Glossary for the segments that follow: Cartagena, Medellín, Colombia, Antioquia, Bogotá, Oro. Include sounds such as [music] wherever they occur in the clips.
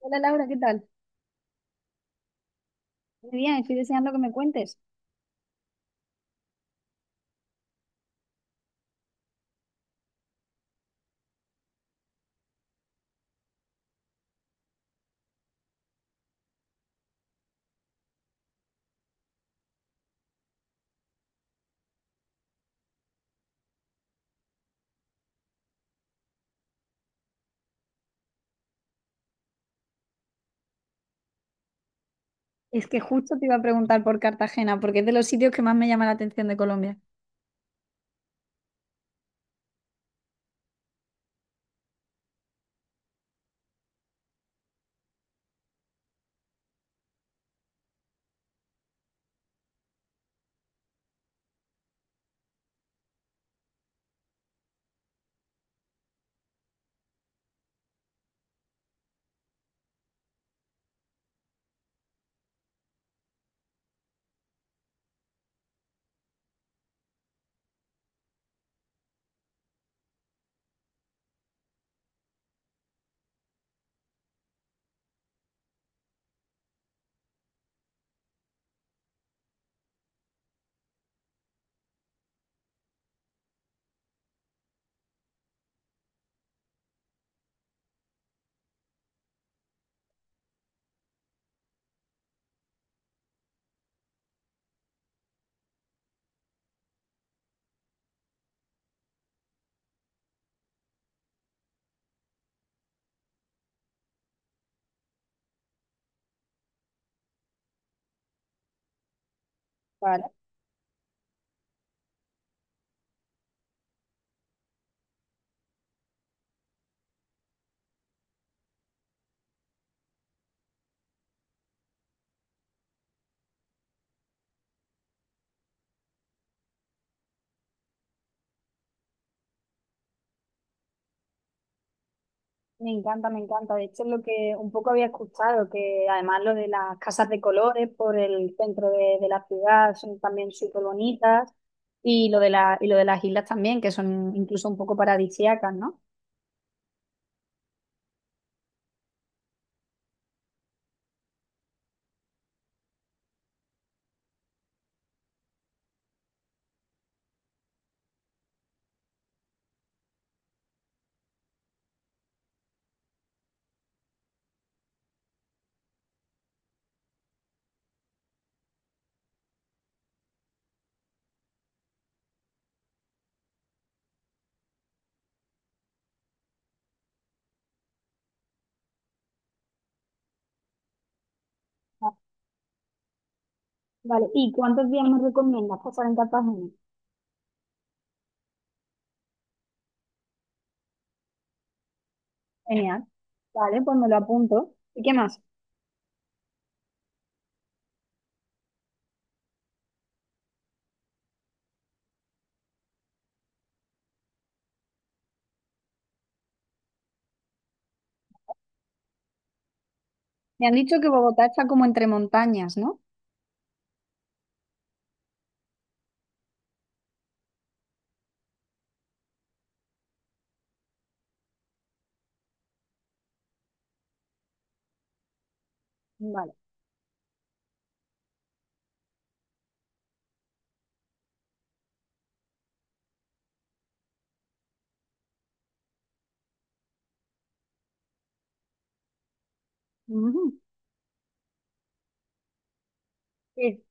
Hola Laura, ¿qué tal? Muy bien, estoy deseando que me cuentes. Es que justo te iba a preguntar por Cartagena, porque es de los sitios que más me llama la atención de Colombia. Vale. Me encanta, me encanta. De hecho, es lo que un poco había escuchado, que además lo de las casas de colores por el centro de la ciudad son también súper bonitas y lo de la, y lo de las islas también, que son incluso un poco paradisíacas, ¿no? Ah, vale, ¿y cuántos días me recomiendas pasar en Cartagena? Genial. Vale, pues me lo apunto. ¿Y qué más? Me han dicho que Bogotá está como entre montañas, ¿no? Vale. Ujú. Sí,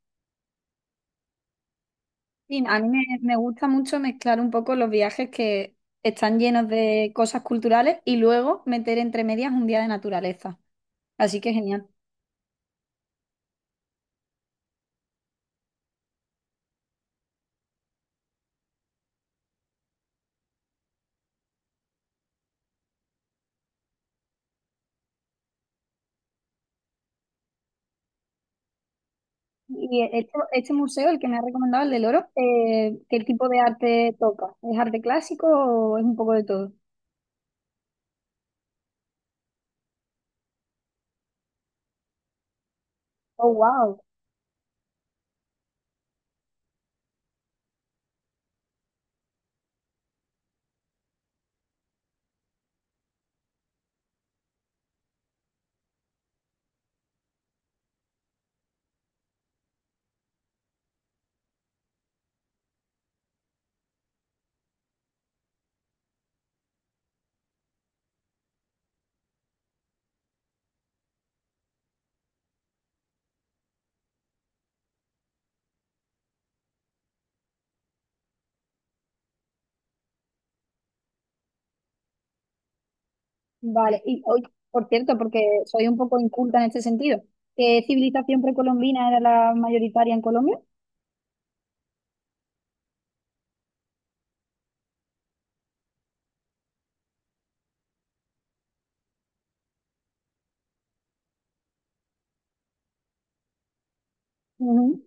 sí, a mí me gusta mucho mezclar un poco los viajes que están llenos de cosas culturales y luego meter entre medias un día de naturaleza. Así que genial. Y este museo, el que me ha recomendado, el del Oro, ¿qué tipo de arte toca? ¿Es arte clásico o es un poco de todo? Oh, wow. Vale. Y hoy, por cierto, porque soy un poco inculta en este sentido, ¿qué civilización precolombina era la mayoritaria en Colombia? Ujú.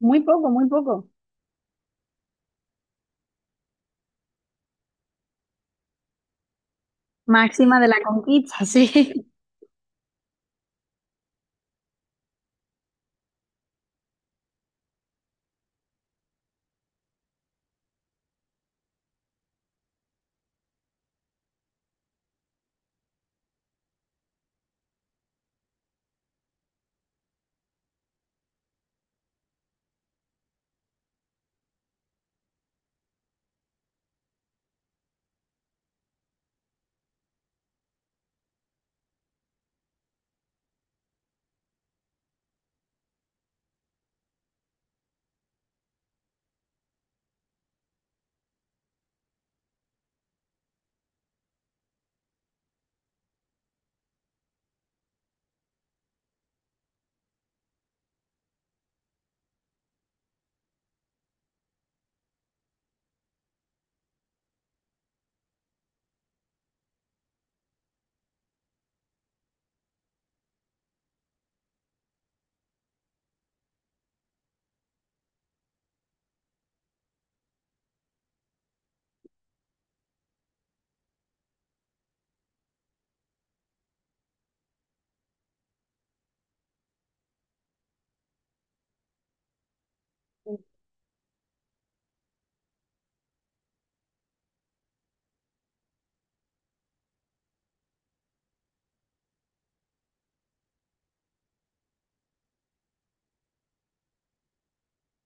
Muy poco, muy poco. Máxima de la conquista, sí.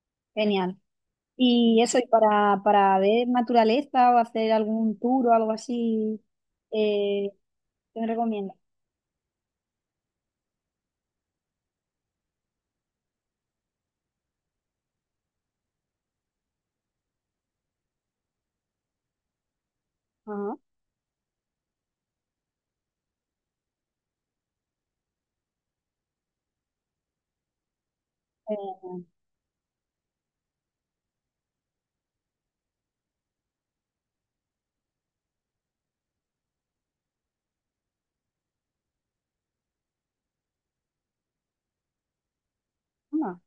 [laughs] Genial. Y eso, y para ver naturaleza o hacer algún tour o algo así, eh, ¿qué me recomiendas? Ajá. Eh, ah,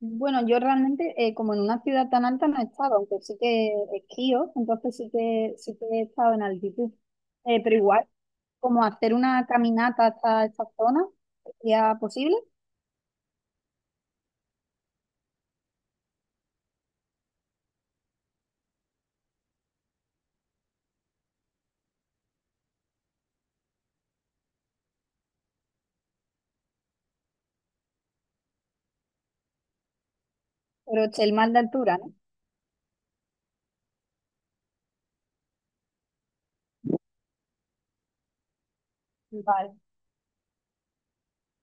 Bueno, yo realmente, como en una ciudad tan alta no he estado, aunque sí que esquío, entonces sí que he estado en altitud. Pero igual, como hacer una caminata hasta esta zona sería posible, pero es el mal de altura, ¿no? Vale.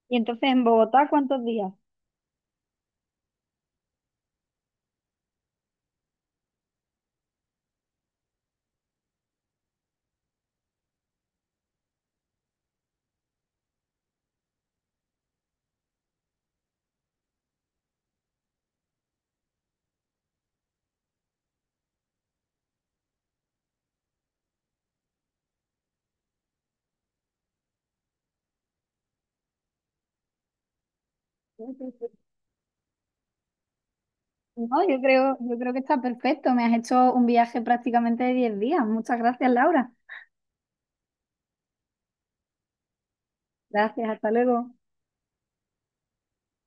Y entonces, ¿en Bogotá cuántos días? No, yo creo que está perfecto. Me has hecho un viaje prácticamente de 10 días. Muchas gracias, Laura. Gracias, hasta luego.